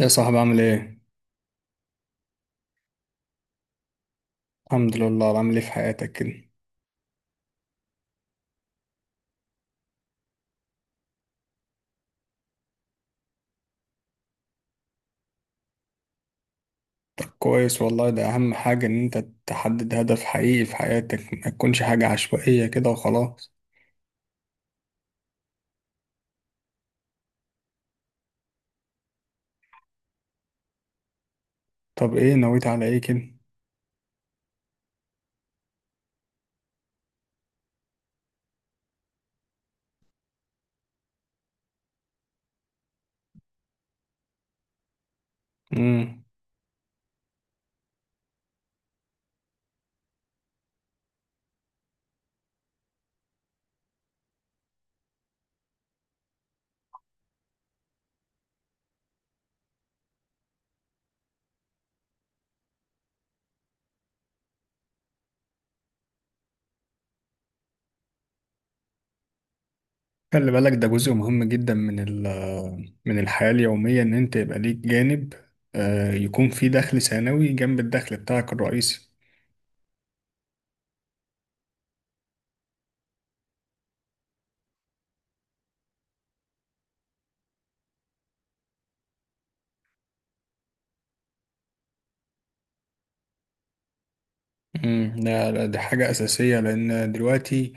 يا صاحبي، عامل ايه؟ الحمد لله. عامل ايه في حياتك كده؟ طب كويس والله، ده أهم حاجة إن أنت تحدد هدف حقيقي في حياتك، ما تكونش حاجة عشوائية كده وخلاص. طب ايه نويت على ايه كده؟ مم. خلي بالك، ده جزء مهم جدا من الحياة اليومية، إن أنت يبقى ليك جانب يكون فيه دخل ثانوي جنب الدخل بتاعك الرئيسي. لا لا، دي حاجة أساسية، لأن دلوقتي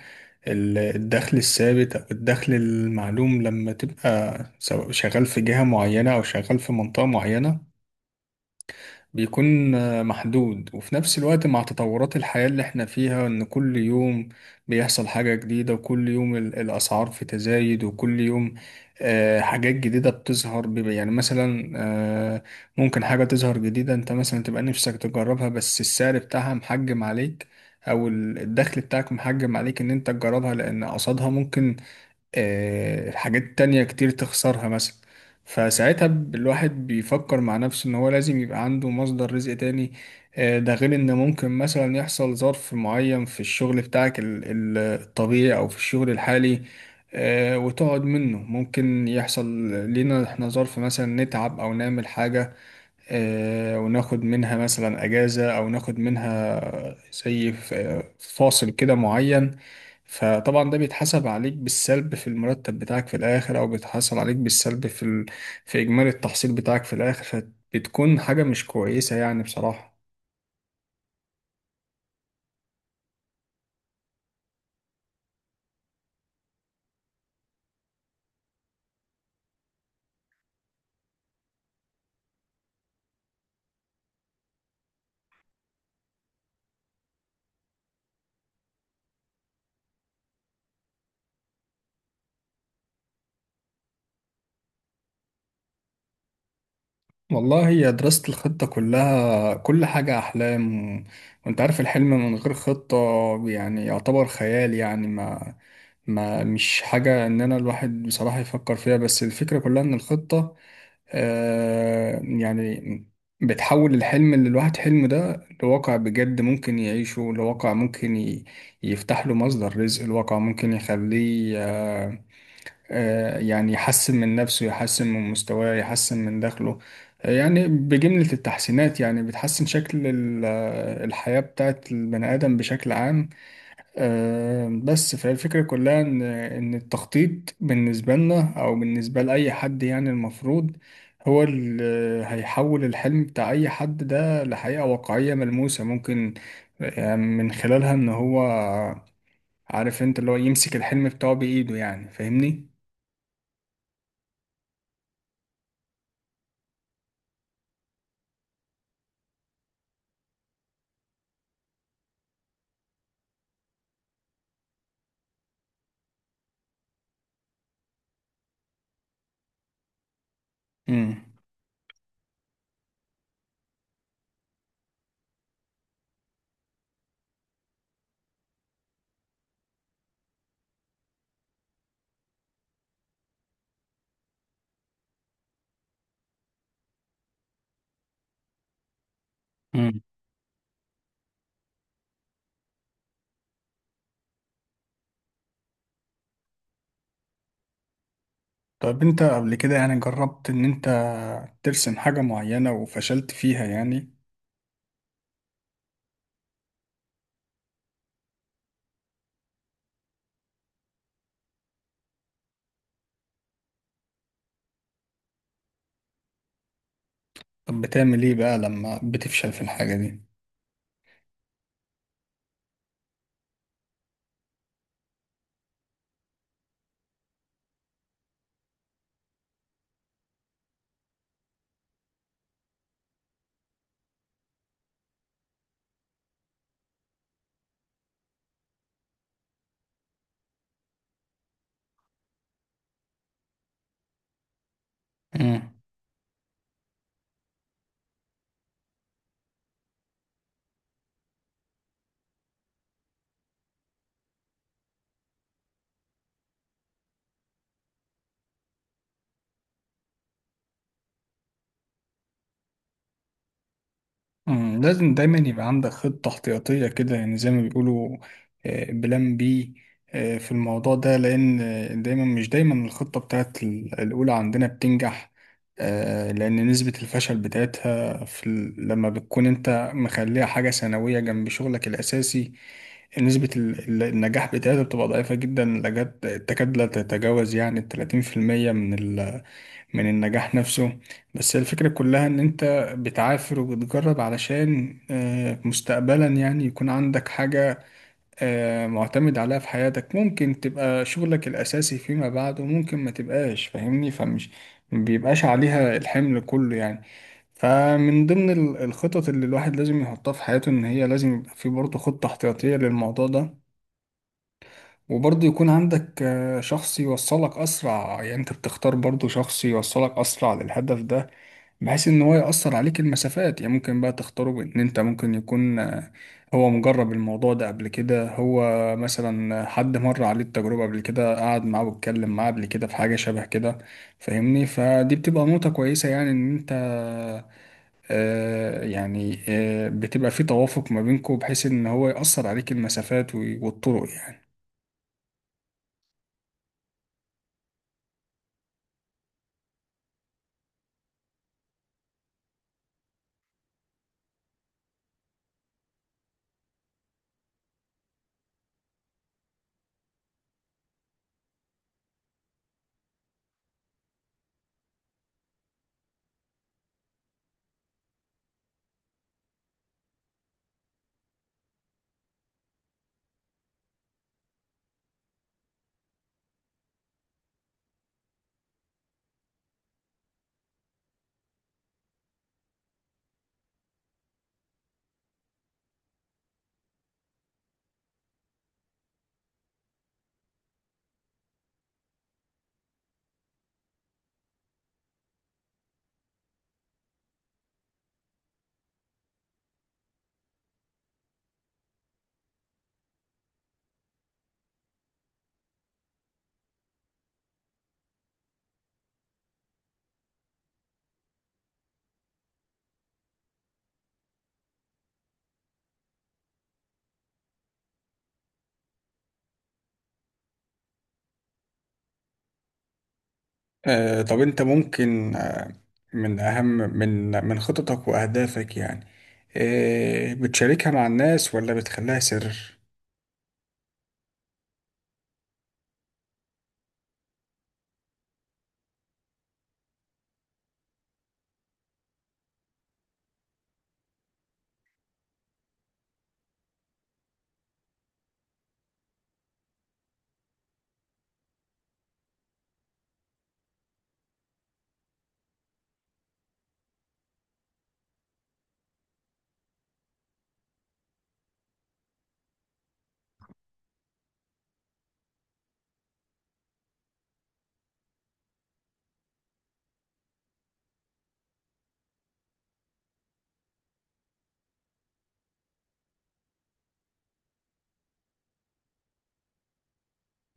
الدخل الثابت أو الدخل المعلوم، لما تبقى سواء شغال في جهة معينة أو شغال في منطقة معينة، بيكون محدود، وفي نفس الوقت مع تطورات الحياة اللي احنا فيها، ان كل يوم بيحصل حاجة جديدة، وكل يوم الأسعار في تزايد، وكل يوم حاجات جديدة بتظهر. يعني مثلا ممكن حاجة تظهر جديدة انت مثلا تبقى نفسك تجربها، بس السعر بتاعها محجم عليك، او الدخل بتاعك محجم عليك ان انت تجربها، لان قصادها ممكن حاجات تانية كتير تخسرها مثلا. فساعتها الواحد بيفكر مع نفسه ان هو لازم يبقى عنده مصدر رزق تاني. ده غير ان ممكن مثلا يحصل ظرف معين في الشغل بتاعك الطبيعي، او في الشغل الحالي وتقعد منه. ممكن يحصل لينا احنا ظرف، مثلا نتعب او نعمل حاجة وناخد منها مثلا أجازة، أو ناخد منها زي فاصل كده معين. فطبعا ده بيتحسب عليك بالسلب في المرتب بتاعك في الآخر، أو بيتحسب عليك بالسلب في في إجمالي التحصيل بتاعك في الآخر. فبتكون حاجة مش كويسة يعني بصراحة. والله هي دراسة الخطة كلها، كل حاجة أحلام، وأنت عارف الحلم من غير خطة يعني يعتبر خيال، يعني ما ما مش حاجة إن أنا الواحد بصراحة يفكر فيها، بس الفكرة كلها إن الخطة يعني بتحول الحلم اللي الواحد حلمه ده لواقع بجد ممكن يعيشه، لواقع ممكن يفتح له مصدر رزق، الواقع ممكن يخليه يعني يحسن من نفسه، يحسن من مستواه، يحسن من دخله، يعني بجملة التحسينات، يعني بتحسن شكل الحياة بتاعت البني آدم بشكل عام. بس، فالفكرة كلها إن التخطيط بالنسبة لنا أو بالنسبة لأي حد، يعني المفروض هو اللي هيحول الحلم بتاع أي حد ده لحقيقة واقعية ملموسة، ممكن من خلالها، إن هو عارف أنت، اللي هو يمسك الحلم بتاعه بإيده، يعني فاهمني؟ مم. مم. طب انت قبل كده يعني جربت ان انت ترسم حاجة معينة وفشلت فيها يعني؟ طب بتعمل ايه بقى لما بتفشل في الحاجة دي؟ لازم دايما يبقى عندك خطة احتياطية كده، يعني زي ما بيقولوا، بلان بي في الموضوع ده، لأن دايما مش دايما الخطة بتاعت الأولى عندنا بتنجح. لأن نسبة الفشل بتاعتها في لما بتكون أنت مخليها حاجة ثانوية جنب شغلك الأساسي، نسبة النجاح بتاعتها بتبقى ضعيفة جدا لجد، تكاد لا تتجاوز يعني 30% من من النجاح نفسه. بس الفكرة كلها ان انت بتعافر وبتجرب، علشان مستقبلا يعني يكون عندك حاجة معتمد عليها في حياتك، ممكن تبقى شغلك الاساسي فيما بعد وممكن ما تبقاش، فاهمني؟ فمش ما بيبقاش عليها الحمل كله يعني. فمن ضمن الخطط اللي الواحد لازم يحطها في حياته، ان هي لازم يبقى في برضه خطة احتياطية للموضوع ده. وبرضه يكون عندك شخص يوصلك أسرع، يعني أنت بتختار برضه شخص يوصلك أسرع للهدف ده، بحيث إن هو يأثر عليك المسافات، يعني ممكن بقى تختاره بإن أنت، ممكن يكون هو مجرب الموضوع ده قبل كده، هو مثلا حد مر عليه التجربة قبل كده، قعد معاه واتكلم معاه قبل كده في حاجة شبه كده، فاهمني؟ فدي بتبقى نقطة كويسة، يعني إن أنت يعني بتبقى في توافق ما بينكم، بحيث إن هو يأثر عليك المسافات والطرق يعني. طب انت ممكن من اهم، من من خططك واهدافك، يعني بتشاركها مع الناس ولا بتخليها سر؟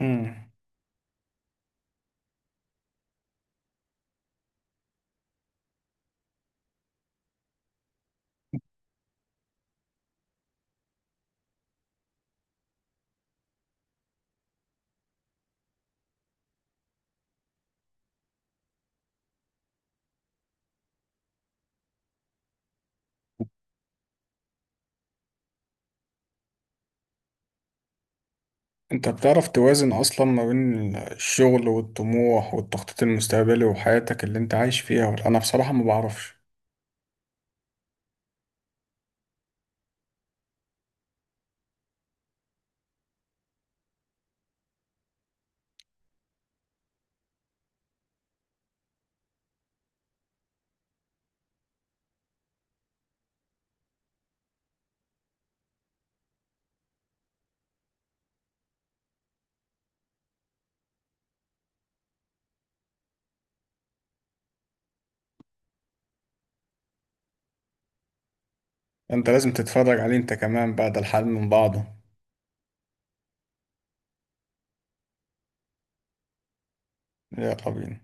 مم. انت بتعرف توازن اصلا ما بين الشغل والطموح والتخطيط المستقبلي وحياتك اللي انت عايش فيها، ولا انا بصراحة ما بعرفش؟ انت لازم تتفرج عليه انت كمان بعد الحل من بعضه. يلا بينا.